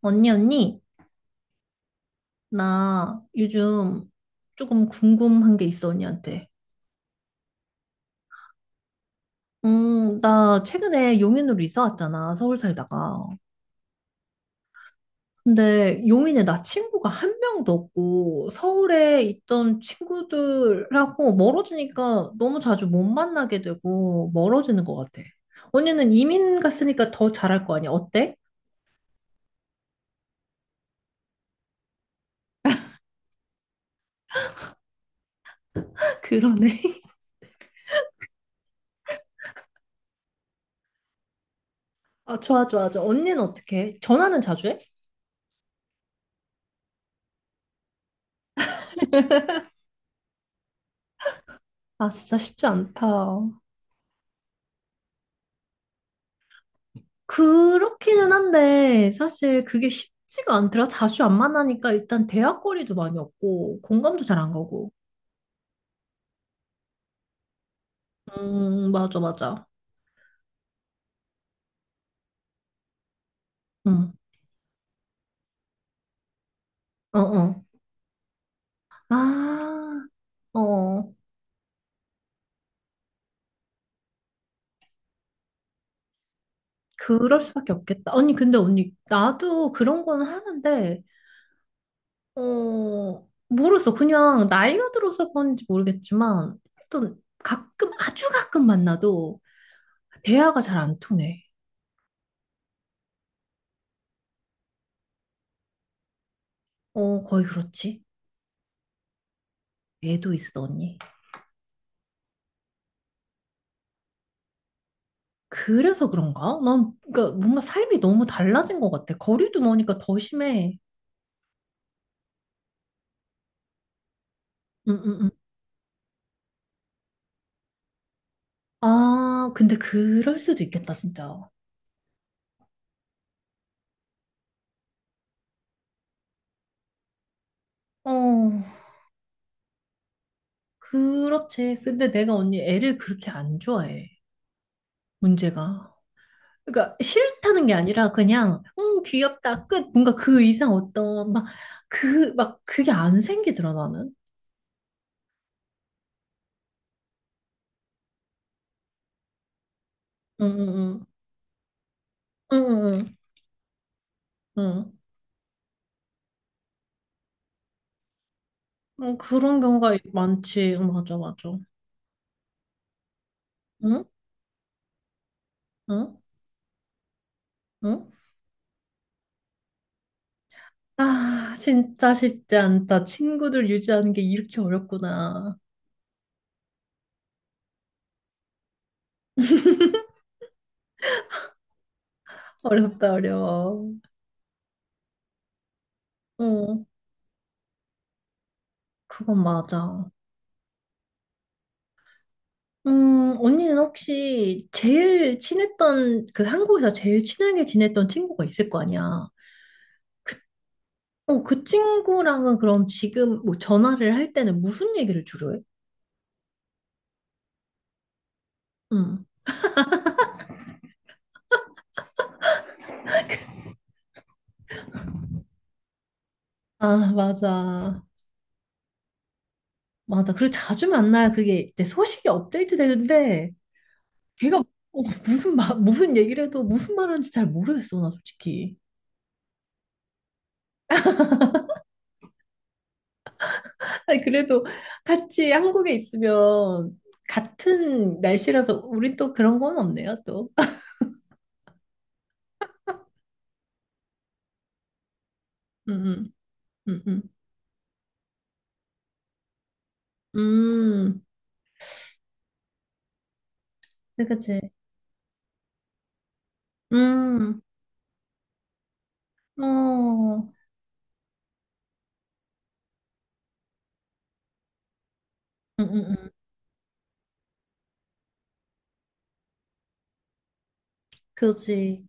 언니, 언니, 나 요즘 조금 궁금한 게 있어, 언니한테. 나 최근에 용인으로 이사 왔잖아, 서울 살다가. 근데 용인에 나 친구가 한 명도 없고, 서울에 있던 친구들하고 멀어지니까 너무 자주 못 만나게 되고, 멀어지는 것 같아. 언니는 이민 갔으니까 더 잘할 거 아니야? 어때? 그러네. 아, 좋아, 좋아, 좋아. 언니는 어떻게 해? 전화는 자주 해? 아, 진짜 쉽지 않다. 그렇기는 한데 사실 그게 쉽지가 않더라. 자주 안 만나니까 일단 대화거리도 많이 없고 공감도 잘 안 가고. 맞아, 맞아. 응, 어, 어. 아, 어. 그럴 수밖에 없겠다. 언니, 근데 언니, 나도 그런 건 하는데, 어, 모르겠어. 그냥 나이가 들어서 그런지 모르겠지만, 일단 가끔, 아주 가끔 만나도 대화가 잘 안 통해. 어, 거의 그렇지. 애도 있어, 언니. 그래서 그런가? 난 그러니까 뭔가 삶이 너무 달라진 것 같아. 거리도 머니까 더 심해. 응, 응, 응. 아, 근데 그럴 수도 있겠다, 진짜. 어, 그렇지. 근데 내가 언니 애를 그렇게 안 좋아해. 문제가. 그러니까 싫다는 게 아니라 그냥 귀엽다 끝. 뭔가 그 이상 어떤 막 그 막 그게 안 생기더라 나는. 응응응. 응응응. 응. 응, 그런 경우가 많지. 응, 맞아 맞아. 응? 응? 응? 아, 진짜 쉽지 않다. 친구들 유지하는 게 이렇게 어렵구나. 어렵다, 어려워. 어, 그건 맞아. 언니는 혹시 제일 친했던, 그 한국에서 제일 친하게 지냈던 친구가 있을 거 아니야. 어, 그 친구랑은 그럼 지금 뭐 전화를 할 때는 무슨 얘기를 주로 해? 응. 아, 맞아. 맞아. 그리고 자주 만나야 그게 이제 소식이 업데이트 되는데, 걔가 어, 무슨 말, 무슨 얘기를 해도 무슨 말하는지 잘 모르겠어, 나 솔직히. 아니, 그래도 같이 한국에 있으면 같은 날씨라서 우리 또 그런 건 없네요, 또. 음, 음, 음, 음. 음, 그치. 그치. 음, 어, 음, 음, 음. 그지.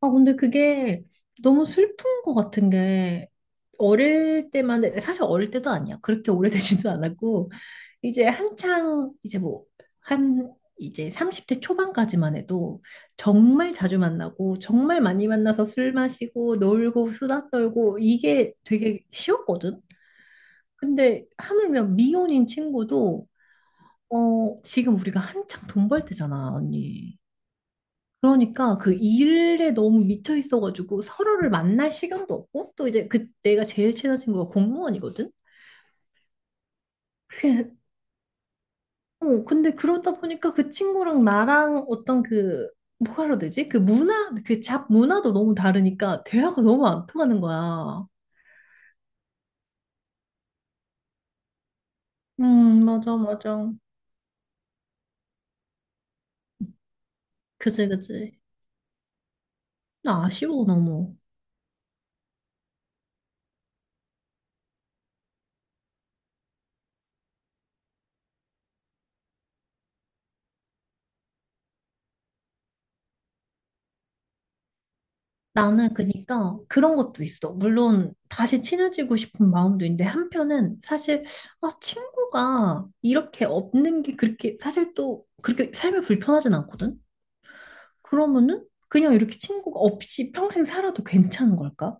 아, 근데 그게 너무 슬픈 것 같은 게, 어릴 때만, 사실 어릴 때도 아니야. 그렇게 오래되지도 않았고, 이제 한창, 이제 뭐, 한, 이제 30대 초반까지만 해도 정말 자주 만나고, 정말 많이 만나서 술 마시고, 놀고, 수다 떨고, 이게 되게 쉬웠거든? 근데 하물며 미혼인 친구도, 어, 지금 우리가 한창 돈 벌 때잖아, 언니. 그러니까 그 일에 너무 미쳐 있어가지고 서로를 만날 시간도 없고 또 이제 그 내가 제일 친한 친구가 공무원이거든. 그게 어 근데 그러다 보니까 그 친구랑 나랑 어떤 그 뭐라 해야 되지? 그 문화 그 잡 문화도 너무 다르니까 대화가 너무 안 통하는 거야. 맞아 맞아. 그지 그지. 나 아쉬워 너무. 나는 그니까 그런 것도 있어. 물론 다시 친해지고 싶은 마음도 있는데 한편은 사실 아, 친구가 이렇게 없는 게 그렇게 사실 또 그렇게 삶이 불편하진 않거든. 그러면은 그냥 이렇게 친구가 없이 평생 살아도 괜찮은 걸까?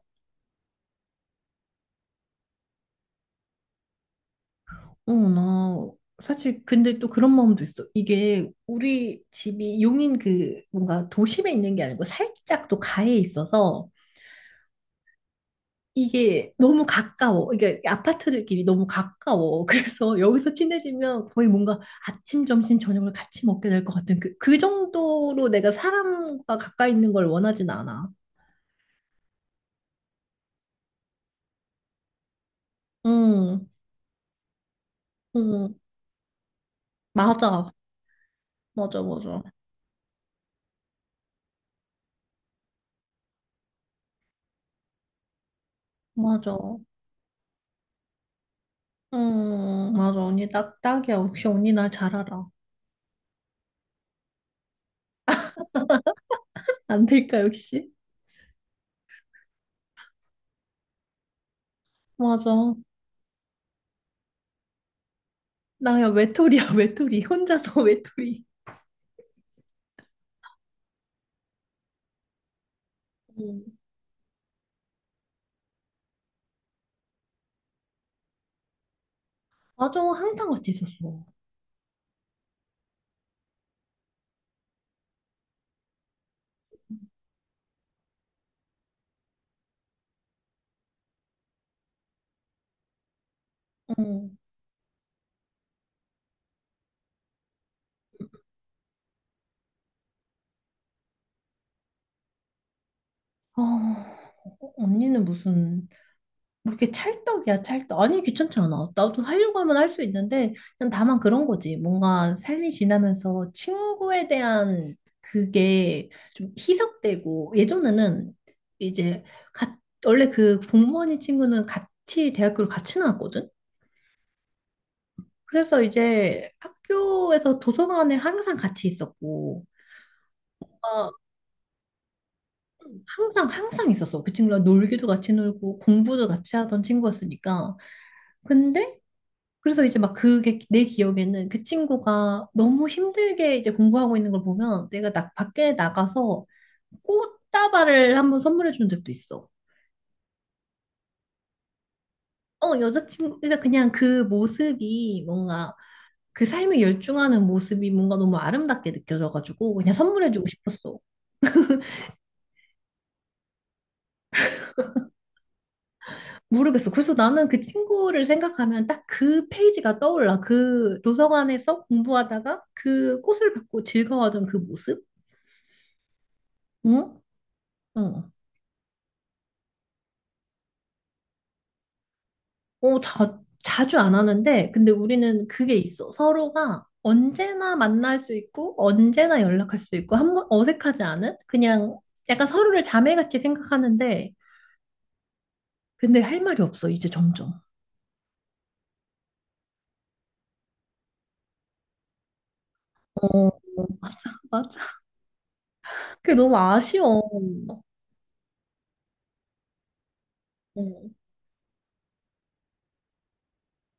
어, 나 사실 근데 또 그런 마음도 있어. 이게 우리 집이 용인 그 뭔가 도심에 있는 게 아니고 살짝 또 가에 있어서 이게 너무 가까워. 이게 아파트들끼리 너무 가까워. 그래서 여기서 친해지면 거의 뭔가 아침, 점심, 저녁을 같이 먹게 될 것 같은 그, 그 정도로 내가 사람과 가까이 있는 걸 원하진 않아. 응, 응, 맞아. 맞아, 맞아. 맞아. 응, 맞아. 언니 딱, 딱이야. 역시 언니 나 잘 알아. 안 될까, 역시? 맞아. 나야 외톨이야, 외톨이. 혼자서 외톨이. 응. 맞아. 항상 같이 있었어. 응. 어, 언니는 무슨 뭐 이렇게 찰떡이야 찰떡. 아니 귀찮지 않아. 나도 하려고 하면 할 수 있는데 그냥 다만 그런 거지. 뭔가 삶이 지나면서 친구에 대한 그게 좀 희석되고. 예전에는 이제 가, 원래 그 공무원이 친구는 같이 대학교를 같이 나왔거든. 그래서 이제 학교에서 도서관에 항상 같이 있었고 어, 항상 항상 있었어. 그 친구랑 놀기도 같이 놀고 공부도 같이 하던 친구였으니까. 근데 그래서 이제 막 그게 내 기억에는 그 친구가 너무 힘들게 이제 공부하고 있는 걸 보면 내가 나, 밖에 나가서 꽃다발을 한번 선물해 준 적도 있어. 어, 여자친구, 그래서 그냥 그 모습이 뭔가 그 삶에 열중하는 모습이 뭔가 너무 아름답게 느껴져가지고 그냥 선물해 주고 싶었어. 모르겠어. 그래서 나는 그 친구를 생각하면 딱 그 페이지가 떠올라. 그 도서관에서 공부하다가 그 꽃을 받고 즐거워하던 그 모습? 응? 응. 어, 자, 자주 안 하는데, 근데 우리는 그게 있어. 서로가 언제나 만날 수 있고, 언제나 연락할 수 있고, 한 번 어색하지 않은? 그냥 약간 서로를 자매같이 생각하는데, 근데 할 말이 없어, 이제 점점. 어, 맞아, 맞아. 그게 너무 아쉬워. 어.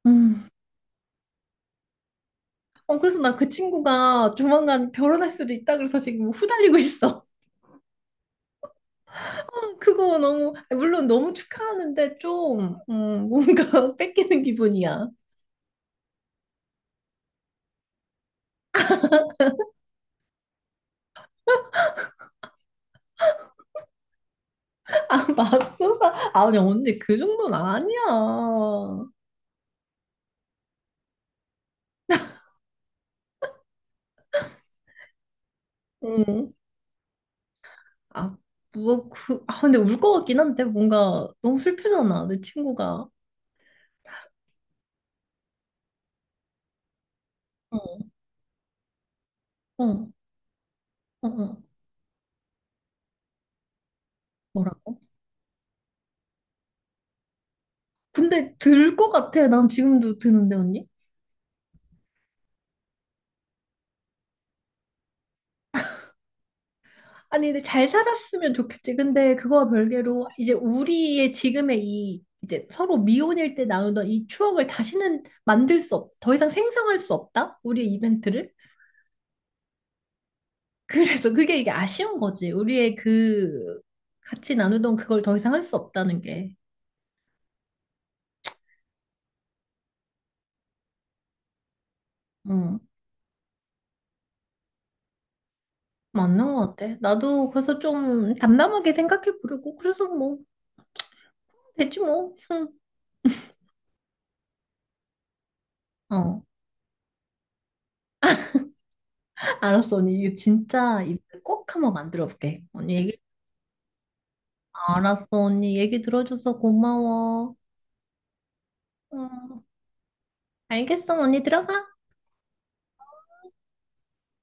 음. 어, 그래서 나 그 친구가 조만간 결혼할 수도 있다 그래서 지금 뭐 후달리고 있어. 그거 너무, 물론 너무 축하하는데 좀, 뭔가 뺏기는 기분이야. 아, 맙소사. 아, 아니, 언니, 그 정도는 아니야. 응. 아, 뭐, 그, 아, 근데 울 것 같긴 한데, 뭔가 너무 슬프잖아, 내 친구가. 응. 어, 어, 어. 뭐라고? 근데 들 것 같아. 난 지금도 드는데, 언니? 아니, 근데 잘 살았으면 좋겠지. 근데 그거와 별개로, 이제 우리의 지금의 이, 이제 서로 미혼일 때 나누던 이 추억을 다시는 만들 수 없, 더 이상 생성할 수 없다? 우리의 이벤트를? 그래서 그게 이게 아쉬운 거지. 우리의 그 같이 나누던 그걸 더 이상 할 수 없다는 게. 응. 맞는 것 같아. 나도 그래서 좀 담담하게 생각해 보려고. 그래서 뭐, 되지 뭐. 응. 어. 알았어, 언니. 이거 진짜 이꼭 한번 만들어 볼게. 언니 얘기, 알았어, 언니. 얘기 들어줘서 고마워. 응. 알겠어, 언니. 들어가.